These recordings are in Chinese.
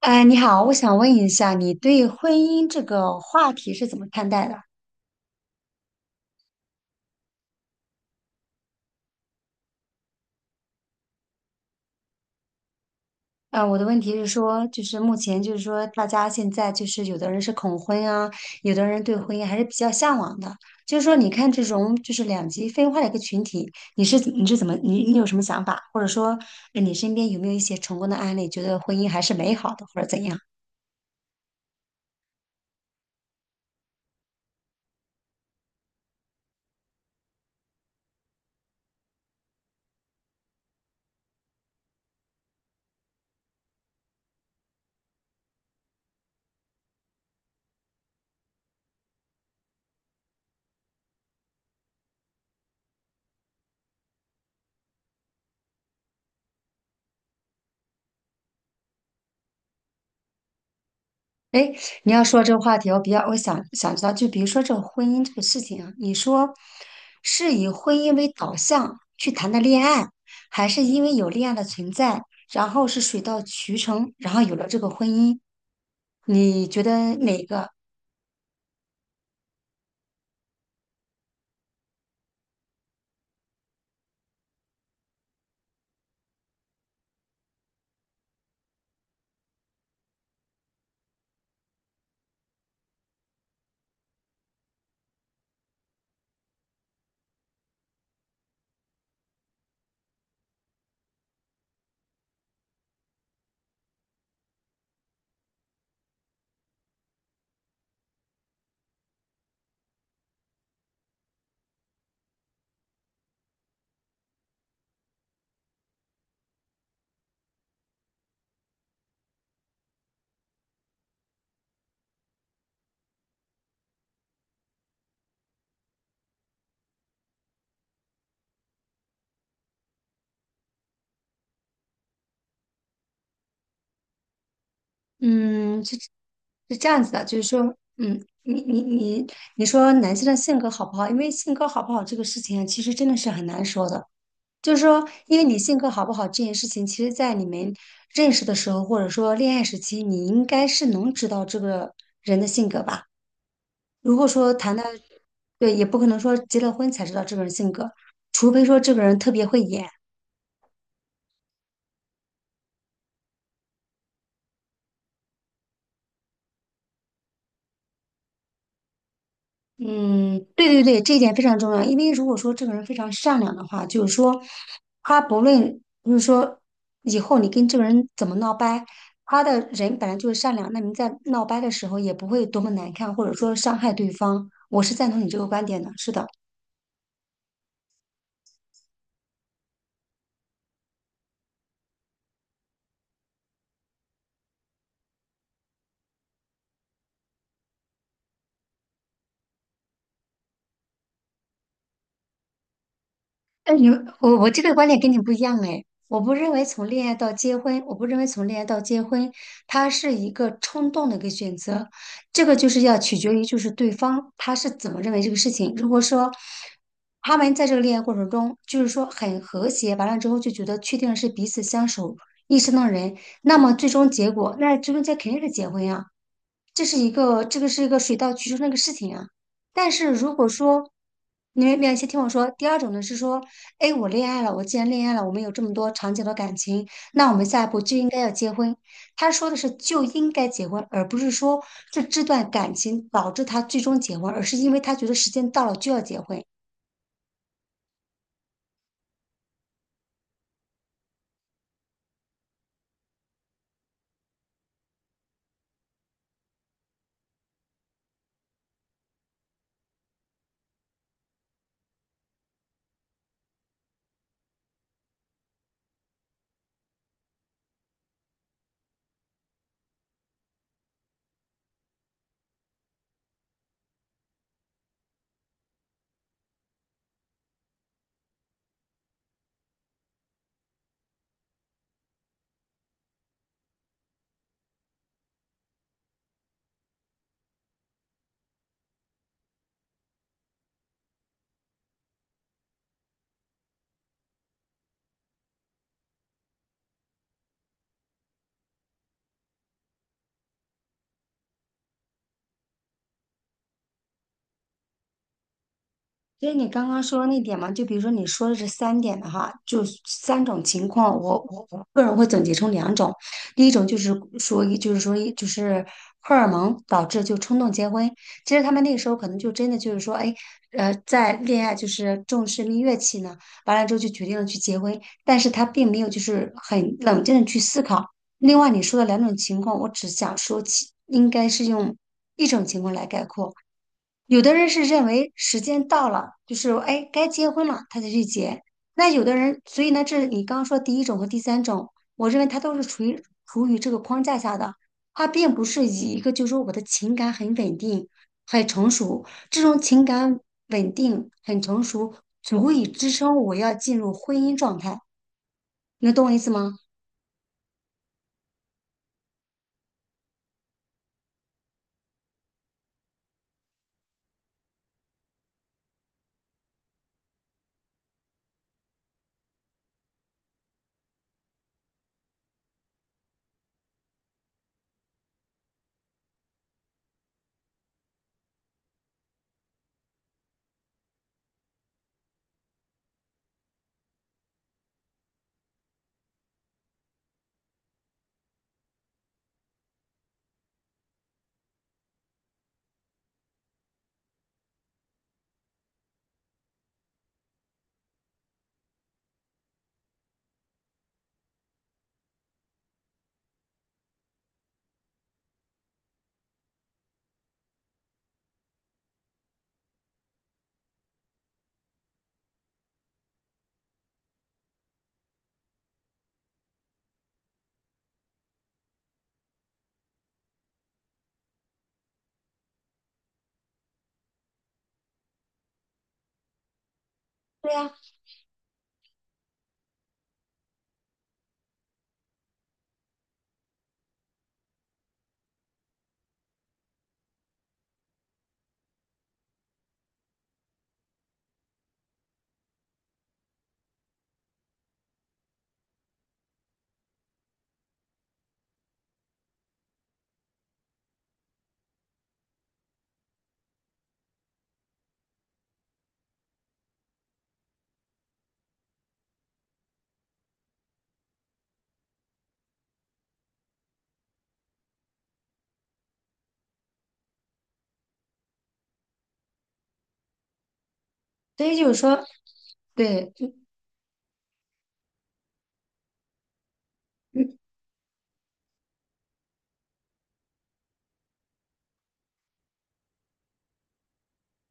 哎，你好，我想问一下，你对婚姻这个话题是怎么看待的？我的问题是说，就是目前就是说，大家现在就是有的人是恐婚啊，有的人对婚姻还是比较向往的。就是说，你看这种就是两极分化的一个群体，你是怎么你有什么想法？或者说，你身边有没有一些成功的案例，觉得婚姻还是美好的，或者怎样？哎，诶你要说这个话题，我比较我想想知道，就比如说这个婚姻这个事情啊，你说是以婚姻为导向去谈的恋爱，还是因为有恋爱的存在，然后是水到渠成，然后有了这个婚姻，你觉得哪个？嗯，是是这样子的，就是说。嗯，你说男性的性格好不好？因为性格好不好这个事情啊，其实真的是很难说的。就是说，因为你性格好不好这件事情，其实在你们认识的时候，或者说恋爱时期，你应该是能知道这个人的性格吧。如果说谈的，对，也不可能说结了婚才知道这个人性格，除非说这个人特别会演。嗯，对对对，这一点非常重要。因为如果说这个人非常善良的话，就是说，他不论就是说以后你跟这个人怎么闹掰，他的人本来就是善良，那你在闹掰的时候也不会多么难看，或者说伤害对方。我是赞同你这个观点的，是的。但你我这个观点跟你不一样哎，我不认为从恋爱到结婚，它是一个冲动的一个选择，这个就是要取决于就是对方他是怎么认为这个事情。如果说他们在这个恋爱过程中，就是说很和谐，完了之后就觉得确定是彼此相守一生的人，那么最终结果，那最终结肯定是结婚呀、这是一个这个是一个水到渠成的一个事情啊。但是如果说你们先听我说，第二种呢是说，哎，我恋爱了，我既然恋爱了，我们有这么多长久的感情，那我们下一步就应该要结婚。他说的是就应该结婚，而不是说这段感情导致他最终结婚，而是因为他觉得时间到了就要结婚。所以你刚刚说的那点嘛，就比如说你说的这三点的哈，就是三种情况，我个人会总结成两种，第一种就是说一，就是说一，就是荷尔蒙导致就冲动结婚，其实他们那个时候可能就真的就是说，哎，在恋爱就是重视蜜月期呢，完了之后就决定了去结婚，但是他并没有就是很冷静的去思考。另外你说的两种情况，我只想说其应该是用一种情况来概括。有的人是认为时间到了，就是哎该结婚了，他才去结。那有的人，所以呢，这是你刚刚说第一种和第三种，我认为他都是处于这个框架下的，他并不是以一个就是说我的情感很稳定、很成熟，这种情感稳定、很成熟，足以支撑我要进入婚姻状态。能懂我意思吗？对呀，所以就是说，对，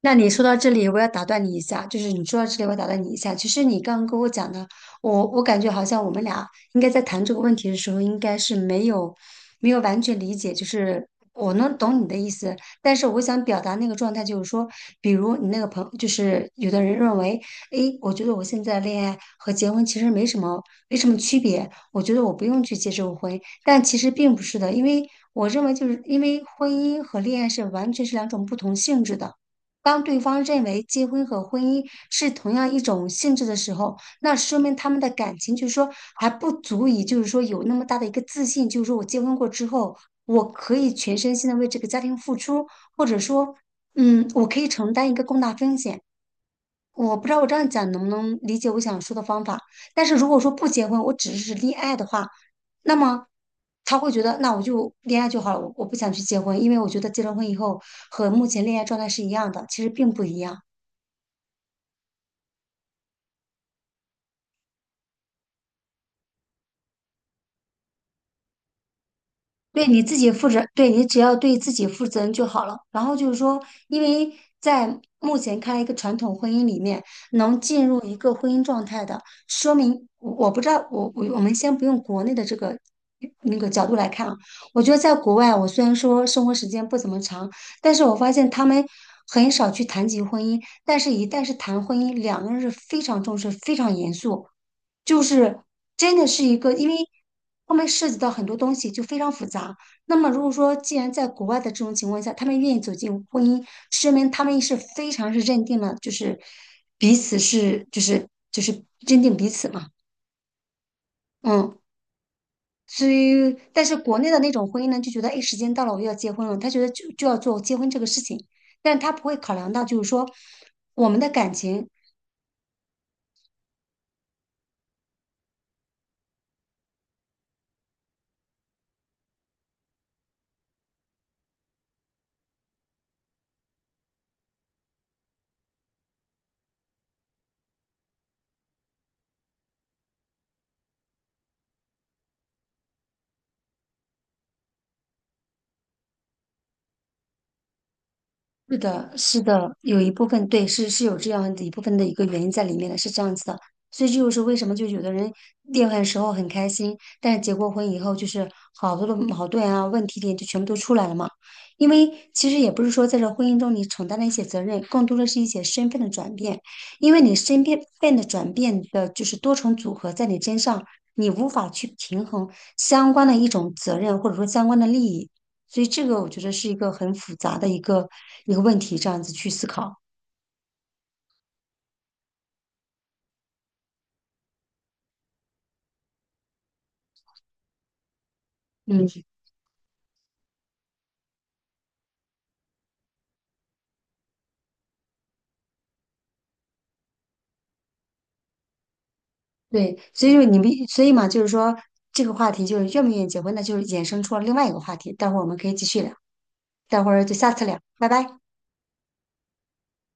那你说到这里，我要打断你一下，就是你说到这里，我要打断你一下。其实你刚刚跟我讲的，我感觉好像我们俩应该在谈这个问题的时候，应该是没有完全理解，就是我能懂你的意思，但是我想表达那个状态就是说，比如你那个朋友就是有的人认为，诶，我觉得我现在的恋爱和结婚其实没什么区别，我觉得我不用去结这个婚，但其实并不是的，因为我认为就是因为婚姻和恋爱是完全是两种不同性质的。当对方认为结婚和婚姻是同样一种性质的时候，那说明他们的感情就是说还不足以，就是说有那么大的一个自信，就是说我结婚过之后，我可以全身心的为这个家庭付出，或者说，嗯，我可以承担一个更大风险。我不知道我这样讲能不能理解我想说的方法，但是如果说不结婚，我只是恋爱的话，那么他会觉得，那我就恋爱就好了，我不想去结婚，因为我觉得结了婚以后和目前恋爱状态是一样的，其实并不一样。对你自己负责，你只要对自己负责任就好了。然后就是说，因为在目前看来，一个传统婚姻里面，能进入一个婚姻状态的，说明我我不知道，我我我们先不用国内的这个那个角度来看啊，我觉得在国外，我虽然说生活时间不怎么长，但是我发现他们很少去谈及婚姻，但是一旦是谈婚姻，两个人是非常重视、非常严肃。就是真的是一个，因为后面涉及到很多东西，就非常复杂。那么如果说既然在国外的这种情况下，他们愿意走进婚姻，说明他们是非常是认定了，就是彼此是就是就是认定彼此嘛，嗯。所以，但是国内的那种婚姻呢，就觉得哎，诶时间到了，我要结婚了，他觉得就要做结婚这个事情，但是他不会考量到就是说我们的感情。是的，是的，有一部分对是有这样的一部分的一个原因在里面的，是这样子的。所以这就是为什么就有的人恋爱的时候很开心，但是结过婚以后就是好多的矛盾啊、问题点就全部都出来了嘛。因为其实也不是说在这婚姻中你承担了一些责任，更多的是一些身份的转变，因为你身边份的转变的就是多重组合在你身上，你无法去平衡相关的一种责任或者说相关的利益。所以这个我觉得是一个很复杂的一个问题，这样子去思考。嗯，对，所以嘛，就是说这个话题就是愿不愿意结婚，那就是衍生出了另外一个话题，待会儿我们可以继续聊，待会儿就下次聊，拜拜。